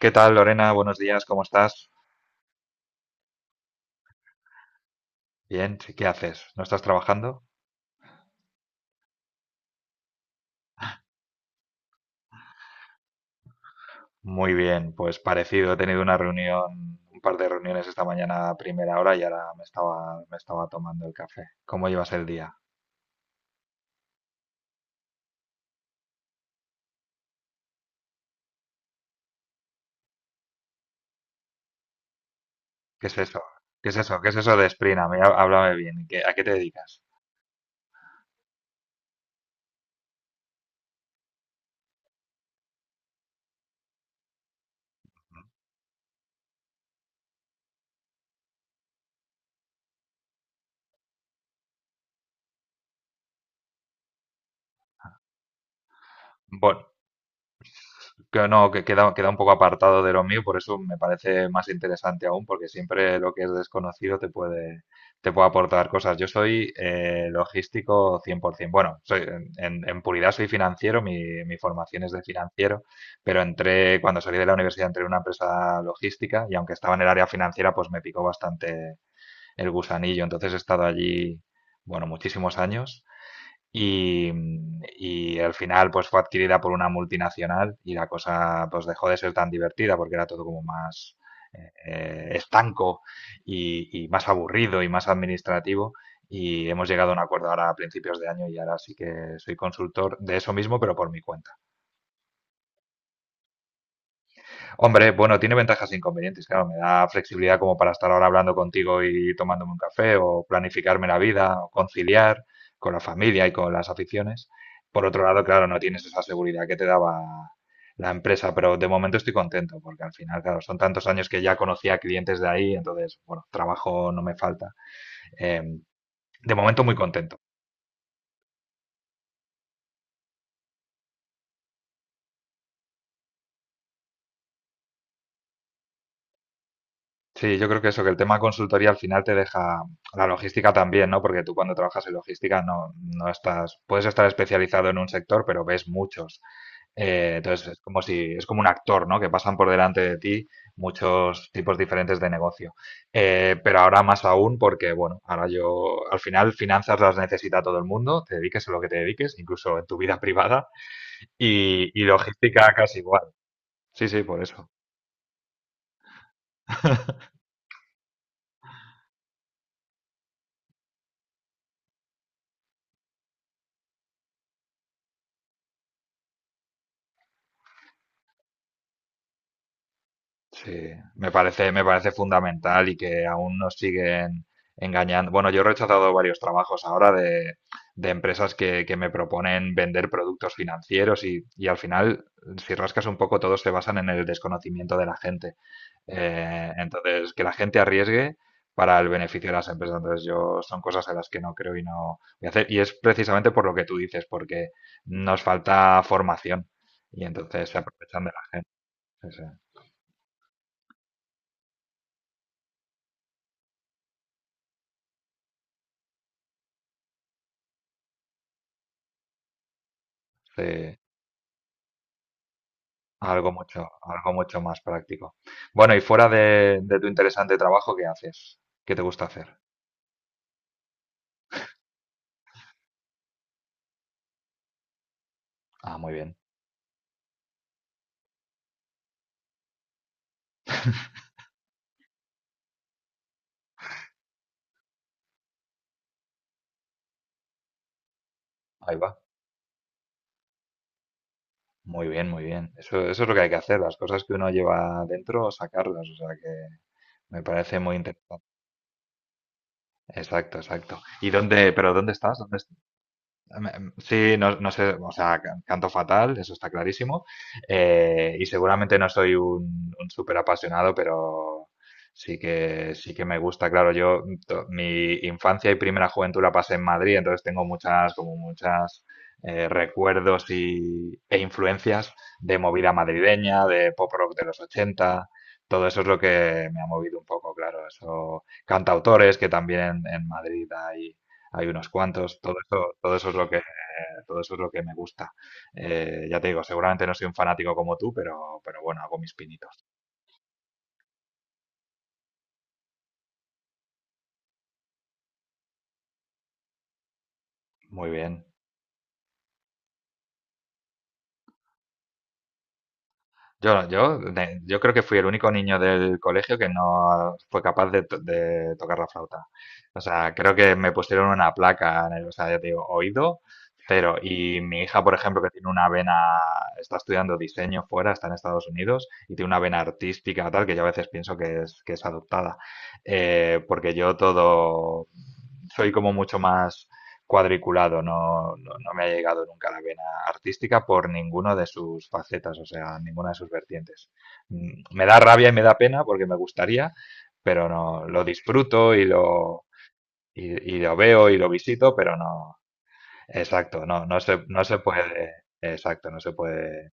¿Qué tal, Lorena? Buenos días, ¿cómo estás? Bien, ¿qué haces? ¿No estás trabajando? Muy bien, pues parecido, he tenido una reunión, un par de reuniones esta mañana a primera hora y ahora me estaba tomando el café. ¿Cómo llevas el día? ¿Qué es eso? ¿Qué es eso? ¿Qué es eso de Sprint? A mí, háblame bien. ¿A qué te dedicas? Bueno, Que no, que queda, queda un poco apartado de lo mío, por eso me parece más interesante aún, porque siempre lo que es desconocido te puede aportar cosas. Yo soy logístico 100%. Bueno, soy, en puridad soy financiero, mi formación es de financiero, pero entré, cuando salí de la universidad, entré en una empresa logística y aunque estaba en el área financiera, pues me picó bastante el gusanillo. Entonces he estado allí, bueno, muchísimos años y, y al final pues fue adquirida por una multinacional y la cosa pues dejó de ser tan divertida porque era todo como más estanco y más aburrido y más administrativo y hemos llegado a un acuerdo ahora a principios de año y ahora sí que soy consultor de eso mismo pero por mi cuenta. Hombre, bueno, tiene ventajas e inconvenientes. Claro, me da flexibilidad como para estar ahora hablando contigo y tomándome un café, o planificarme la vida, o conciliar con la familia y con las aficiones. Por otro lado, claro, no tienes esa seguridad que te daba la empresa, pero de momento estoy contento porque al final, claro, son tantos años que ya conocía clientes de ahí, entonces, bueno, trabajo no me falta. Em, de momento muy contento. Sí, yo creo que eso, que el tema consultoría al final te deja la logística también, ¿no? Porque tú cuando trabajas en logística no estás, puedes estar especializado en un sector, pero ves muchos. Entonces es como si, es como un actor, ¿no? Que pasan por delante de ti muchos tipos diferentes de negocio. Pero ahora más aún porque, bueno, ahora yo, al final finanzas las necesita todo el mundo, te dediques a lo que te dediques, incluso en tu vida privada, y logística casi igual. Sí, sí, por eso. Sí, me parece fundamental y que aún nos siguen engañando. Bueno, yo he rechazado varios trabajos ahora de empresas que me proponen vender productos financieros y al final, si rascas un poco, todos se basan en el desconocimiento de la gente. Entonces, que la gente arriesgue para el beneficio de las empresas. Entonces, yo son cosas en las que no creo y no voy a hacer. Y es precisamente por lo que tú dices, porque nos falta formación y entonces se aprovechan de la gente. Sí, sí. Sí. Algo mucho más práctico. Bueno, y fuera de tu interesante trabajo, ¿qué haces? ¿Qué te gusta hacer? Ah, muy bien. Ahí va. Muy bien, muy bien. Eso es lo que hay que hacer, las cosas que uno lleva dentro, sacarlas. O sea que me parece muy interesante. Exacto, exacto. Pero ¿dónde estás? ¿Dónde Me- Sí, no, no sé, o sea, canto fatal, eso está clarísimo. Y seguramente no soy un súper apasionado, pero sí que me gusta. Claro, yo mi infancia y primera juventud la pasé en Madrid, entonces tengo como muchas recuerdos e influencias de movida madrileña, de pop rock de los 80. Todo eso es lo que me ha movido un poco, claro. Eso, cantautores que también en Madrid hay unos cuantos, todo eso, todo eso es lo que me gusta. Ya te digo, seguramente no soy un fanático como tú, pero bueno, hago mis pinitos. Muy bien. Yo creo que fui el único niño del colegio que no fue capaz de tocar la flauta. O sea, creo que me pusieron una placa en el, o sea, ya te digo, oído, cero. Y mi hija, por ejemplo, que tiene una vena, está estudiando diseño fuera, está en Estados Unidos, y tiene una vena artística, tal, que yo a veces pienso que es adoptada. Porque yo todo, soy como mucho más cuadriculado, no me ha llegado nunca la vena artística por ninguno de sus facetas, o sea, ninguna de sus vertientes. Me da rabia y me da pena porque me gustaría, pero no, lo disfruto y lo veo y lo visito, pero no, exacto, no se puede, exacto, no se puede.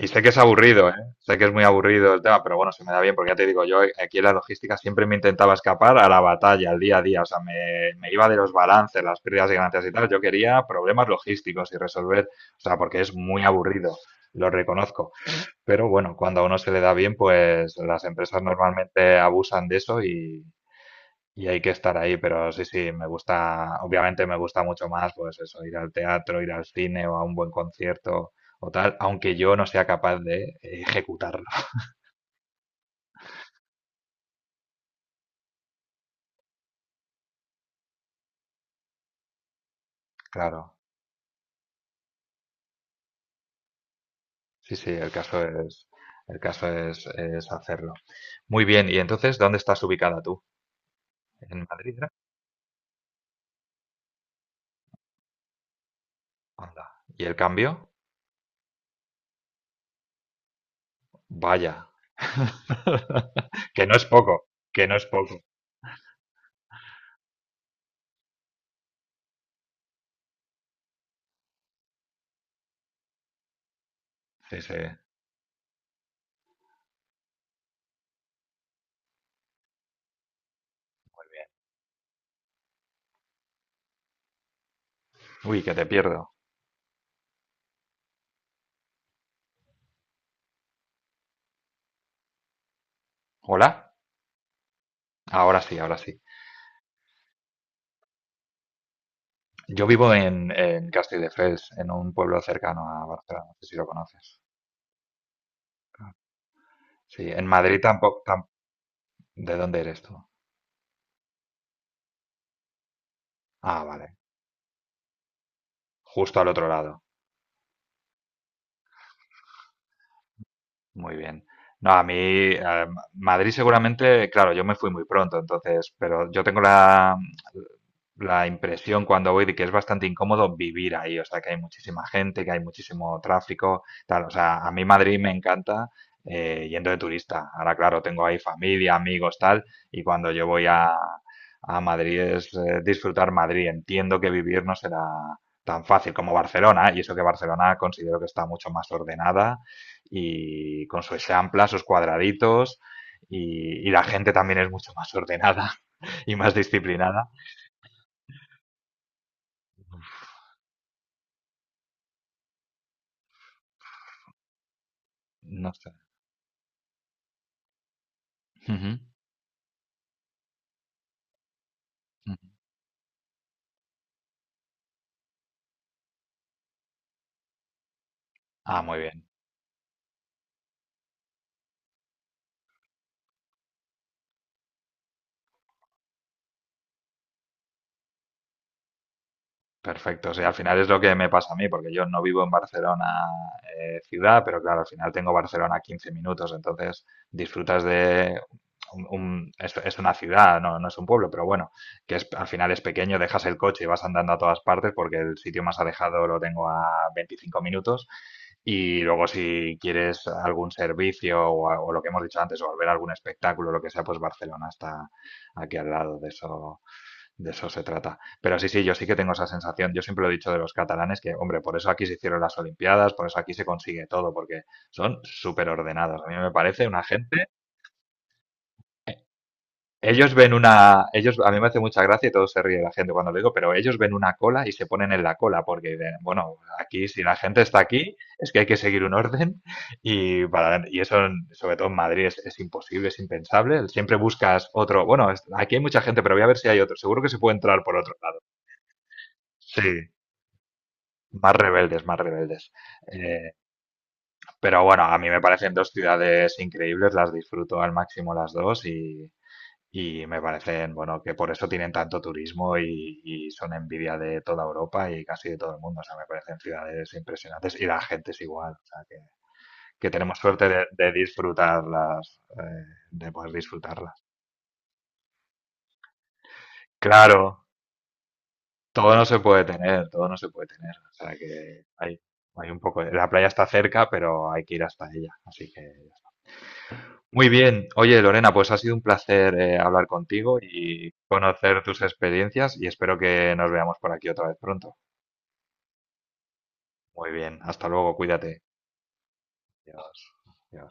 Y sé que es aburrido, ¿eh? Sé que es muy aburrido el tema, pero bueno, se me da bien porque ya te digo, yo aquí en la logística siempre me intentaba escapar a la batalla, al día a día. O sea, me iba de los balances, las pérdidas y ganancias y tal. Yo quería problemas logísticos y resolver, o sea, porque es muy aburrido, lo reconozco. Pero bueno, cuando a uno se le da bien, pues las empresas normalmente abusan de eso y hay que estar ahí, pero sí, sí, me gusta, obviamente me gusta mucho más, pues eso, ir al teatro, ir al cine o a un buen concierto o tal, aunque yo no sea capaz de ejecutarlo. Claro, sí, sí, el caso es hacerlo. Muy bien, y entonces, ¿dónde estás ubicada tú? ¿En Madrid? ¿Era? Anda. ¿Y el cambio? Vaya. Que no es poco, que no es poco. Sí, sí. Uy, que te pierdo. ¿Hola? Ahora sí, ahora sí. Yo vivo en Castelldefels, en un pueblo cercano a Barcelona, no sé si lo conoces. Sí, en Madrid tampoco. ¿De dónde eres tú? Ah, vale, justo al otro lado. Muy bien. No, a mí, Madrid seguramente, claro, yo me fui muy pronto, entonces, pero yo tengo la impresión cuando voy de que es bastante incómodo vivir ahí, o sea, que hay muchísima gente, que hay muchísimo tráfico, tal, o sea, a mí Madrid me encanta yendo de turista. Ahora, claro, tengo ahí familia, amigos, tal, y cuando yo voy a Madrid es disfrutar Madrid. Entiendo que vivir no será tan fácil como Barcelona, y eso que Barcelona considero que está mucho más ordenada y con sus amplas, sus cuadraditos la gente también es mucho más ordenada y más disciplinada. No sé. Ujú. Ah, muy bien. Perfecto, sí, al final es lo que me pasa a mí, porque yo no vivo en Barcelona ciudad, pero claro, al final tengo Barcelona a 15 minutos, entonces disfrutas de es una ciudad, no es un pueblo, pero bueno, que es, al final es pequeño, dejas el coche y vas andando a todas partes, porque el sitio más alejado lo tengo a 25 minutos, y luego si quieres algún servicio o lo que hemos dicho antes, o ver algún espectáculo, lo que sea, pues Barcelona está aquí al lado de eso. De eso se trata. Pero sí, sí, yo sí que tengo esa sensación. Yo siempre lo he dicho de los catalanes que, hombre, por eso aquí se hicieron las Olimpiadas, por eso aquí se consigue todo, porque son súper ordenados. A mí me parece una gente. Ellos ven una. Ellos, a mí me hace mucha gracia y todo se ríe la gente cuando lo digo, pero ellos ven una cola y se ponen en la cola, porque dicen, bueno, aquí si la gente está aquí, es que hay que seguir un orden. Y, para, y eso, sobre todo en Madrid, es imposible, es impensable. Siempre buscas otro. Bueno, aquí hay mucha gente, pero voy a ver si hay otro. Seguro que se puede entrar por otro lado. Sí, más rebeldes, más rebeldes. Eh, pero bueno, a mí me parecen dos ciudades increíbles, las disfruto al máximo las dos y me parecen, bueno, que por eso tienen tanto turismo y son envidia de toda Europa y casi de todo el mundo. O sea, me parecen ciudades impresionantes y la gente es igual. O sea, que tenemos suerte de disfrutarlas, de poder disfrutarlas. Claro, todo no se puede tener, todo no se puede tener. O sea, que hay un poco... La playa está cerca, pero hay que ir hasta ella. Así que muy bien. Oye, Lorena, pues ha sido un placer hablar contigo y conocer tus experiencias y espero que nos veamos por aquí otra vez pronto. Muy bien. Hasta luego. Cuídate. Adiós. Adiós.